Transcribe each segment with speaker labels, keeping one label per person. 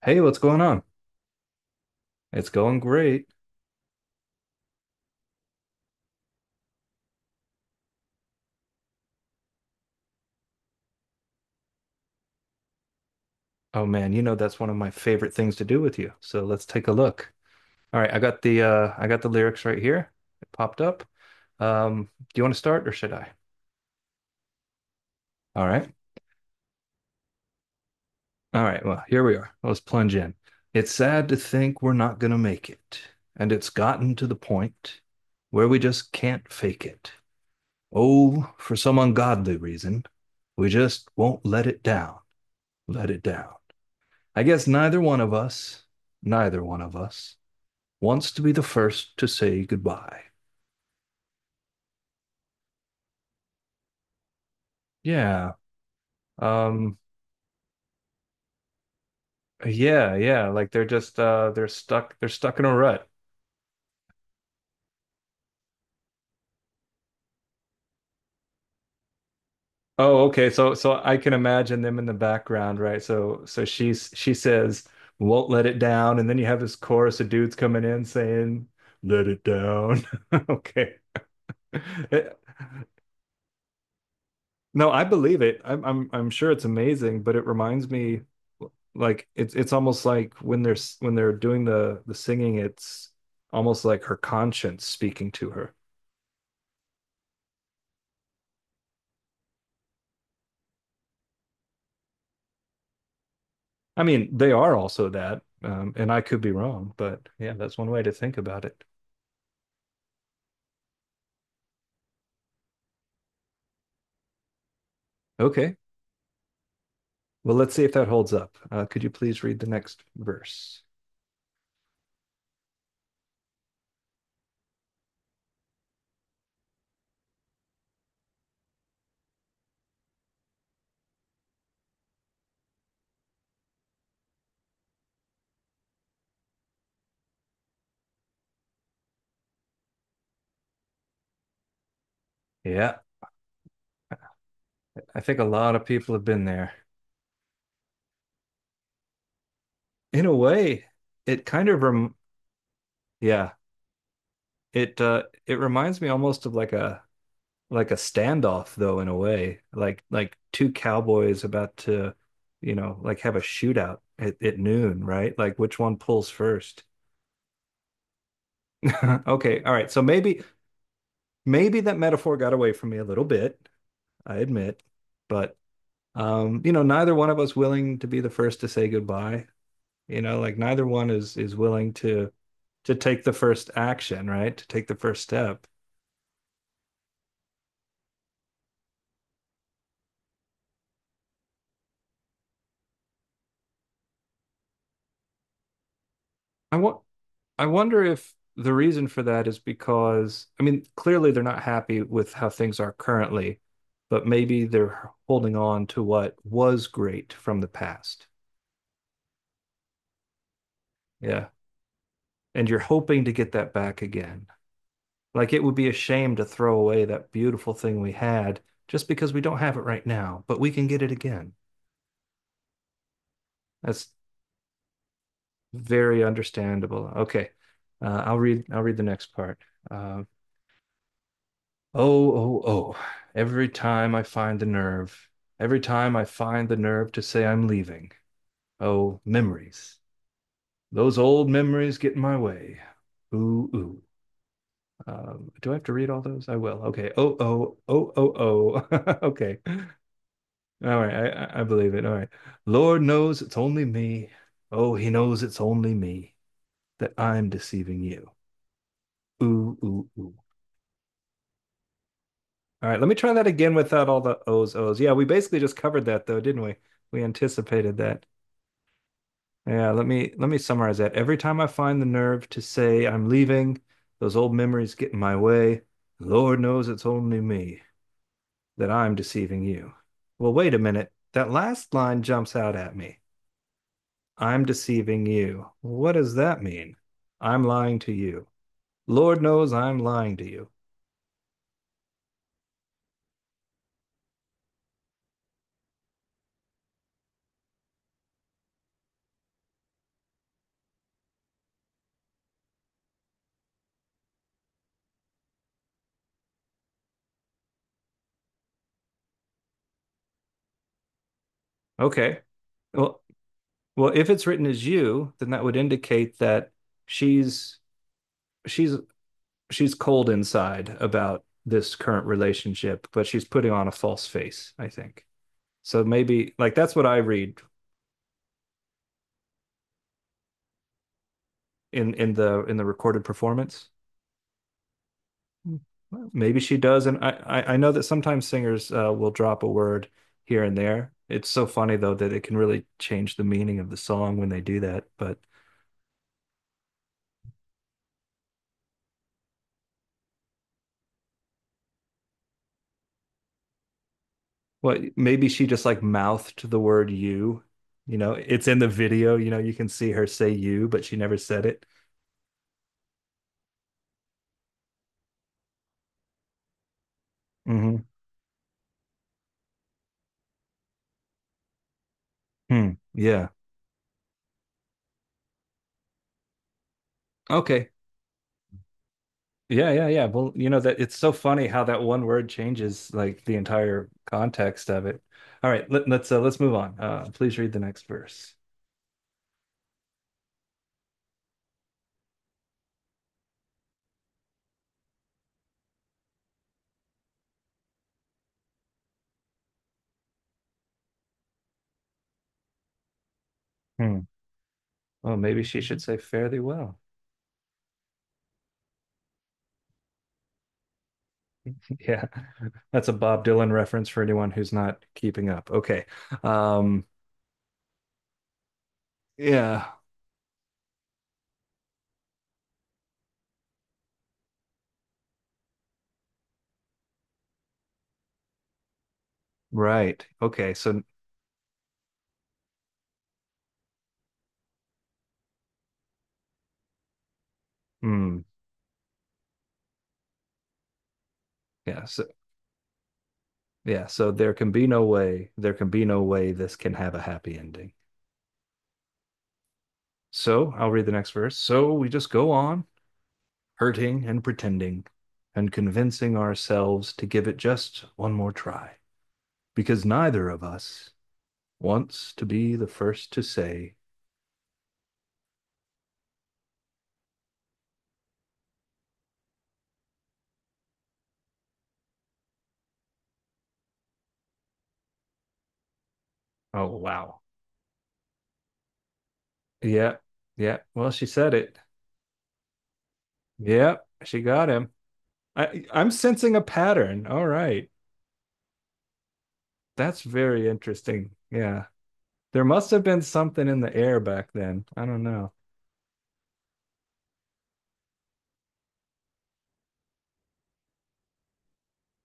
Speaker 1: Hey, what's going on? It's going great. Oh man, you know that's one of my favorite things to do with you. So let's take a look. All right, I got the lyrics right here. It popped up. Um, do you want to start or should I? All right. All right, well, here we are. Let's plunge in. It's sad to think we're not gonna make it, and it's gotten to the point where we just can't fake it. Oh, for some ungodly reason, we just won't let it down. Let it down. I guess neither one of us, neither one of us wants to be the first to say goodbye. Yeah. Um yeah, yeah, like they're just they're stuck in a rut. Oh, okay. So I can imagine them in the background, right? So she says won't let it down and then you have this chorus of dudes coming in saying let it down. Okay. It, No, I believe it. I'm sure it's amazing, but it reminds me like it's almost like when they're when they're doing the singing, it's almost like her conscience speaking to her. I mean, they are also that, and I could be wrong, but yeah, that's one way to think about it. Okay. Well, let's see if that holds up. Could you please read the next verse? Yeah, I think a lot of people have been there. In a way, it kind of rem Yeah, it it reminds me almost of like a standoff though in a way like two cowboys about to, you know, like have a shootout at noon, right? Like which one pulls first? Okay, all right, so maybe that metaphor got away from me a little bit, I admit, but you know, neither one of us willing to be the first to say goodbye, you know, like neither one is willing to take the first action, right? To take the first step. i want I wonder if the reason for that is because, I mean, clearly they're not happy with how things are currently, but maybe they're holding on to what was great from the past. Yeah. And you're hoping to get that back again. Like it would be a shame to throw away that beautiful thing we had just because we don't have it right now, but we can get it again. That's very understandable. Okay. I'll read the next part. Uh, Oh, oh, oh. Every time I find the nerve, every time I find the nerve to say I'm leaving. Oh, memories. Those old memories get in my way. Ooh, ooh. Do I have to read all those? I will. Okay. Oh, oh, oh, oh, oh. Okay. All right. I believe it. All right. Lord knows it's only me. Oh, he knows it's only me that I'm deceiving you. Ooh, ooh, ooh. All right, let me try that again without all the O's, O's. Yeah, we basically just covered that though, didn't we? We anticipated that. Yeah, let me summarize that. Every time I find the nerve to say I'm leaving, those old memories get in my way. Lord knows it's only me that I'm deceiving you. Well, wait a minute. That last line jumps out at me. I'm deceiving you. What does that mean? I'm lying to you. Lord knows I'm lying to you. Okay. Well, Well, if it's written as you, then that would indicate that she's she's she's cold inside about this current relationship, but she's putting on a false face, I think. So maybe like that's what I read in in the recorded performance. Maybe she does, and I know that sometimes singers will drop a word here and there. It's so funny though that it can really change the meaning of the song when they do that. But well, maybe she just like mouthed the word you. You know, it's in the video, you know, you can see her say you, but she never said it. Hmm. Hmm. Yeah. Okay. Yeah, yeah, yeah. Well, you know that it's so funny how that one word changes like the entire context of it. All right, let's move on. Please read the next verse. Hmm. Oh, maybe she should say fare thee well. Yeah, that's a Bob Dylan reference for anyone who's not keeping up. Okay. Um, yeah, right. Okay, so hmm. Yeah, so there can be no way, there can be no way this can have a happy ending. So I'll read the next verse. So we just go on hurting and pretending and convincing ourselves to give it just one more try because neither of us wants to be the first to say. Oh wow. Yeah, yeah, well, she said it. Yeah, she got him. I, I'm sensing a pattern. All right. That's very interesting. Yeah. There must have been something in the air back then. I don't know.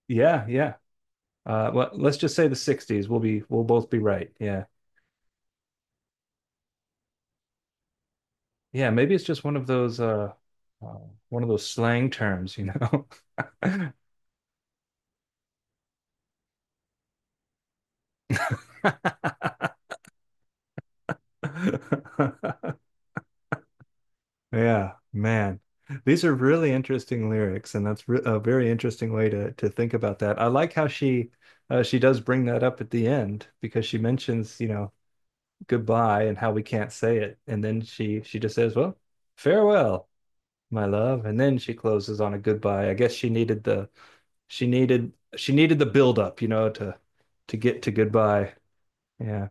Speaker 1: Yeah, yeah. Well, let's just say the 60s. We'll both be right. Yeah. Yeah, maybe it's just uh one of those slang terms, you know. Yeah, man. These are really interesting lyrics, and that's re a very interesting way to think about that. I like how she does bring that up at the end because she mentions, you know, goodbye and how we can't say it. And then she just says, "Well, farewell, my love." And then she closes on a goodbye. I guess she needed the she needed the build up, you know, to get to goodbye. Yeah.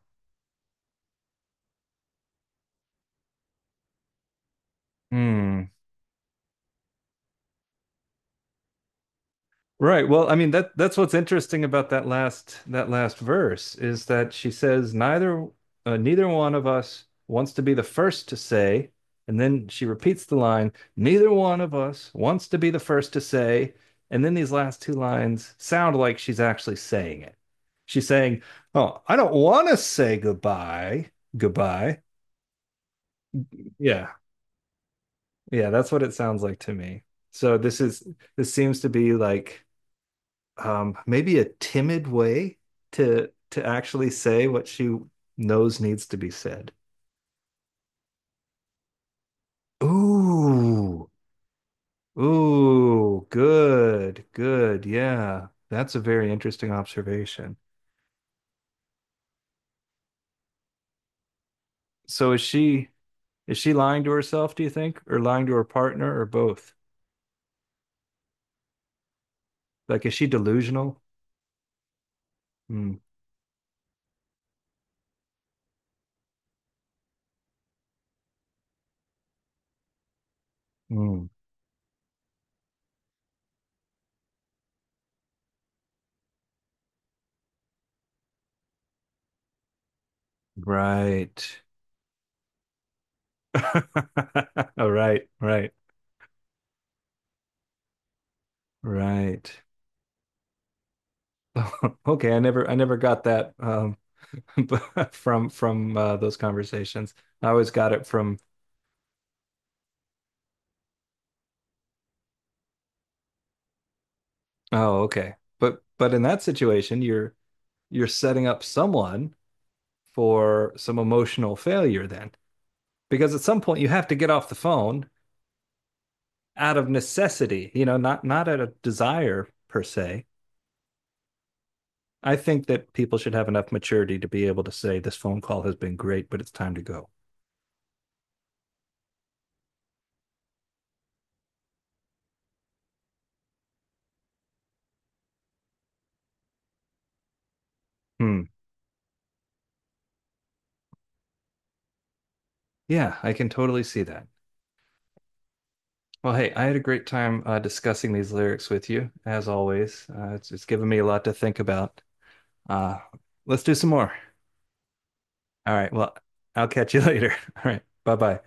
Speaker 1: Hmm. Right. Well, I mean that that's what's interesting about that last verse is that she says neither one of us wants to be the first to say, and then she repeats the line, neither one of us wants to be the first to say, and then these last two lines sound like she's actually saying it. She's saying, "Oh, I don't want to say goodbye, goodbye." Yeah. Yeah, that's what it sounds like to me. So this seems to be like maybe a timid way to actually say what she knows needs to be said. Ooh, ooh, good, good. Yeah, that's a very interesting observation. So is she lying to herself, do you think, or lying to her partner, or both? Like, is she delusional? Hmm. Hmm. Right. All right, right, right. Okay, I never got that. From those conversations. I always got it from, oh, okay. But in that situation, you're setting up someone for some emotional failure then. Because at some point you have to get off the phone out of necessity, you know, not out of desire per se. I think that people should have enough maturity to be able to say this phone call has been great, but it's time to go. Hmm. Yeah, I can totally see that. Well, hey, I had a great time discussing these lyrics with you, as always. It's given me a lot to think about. Uh, let's do some more. All right. Well, I'll catch you later. All right. Bye bye.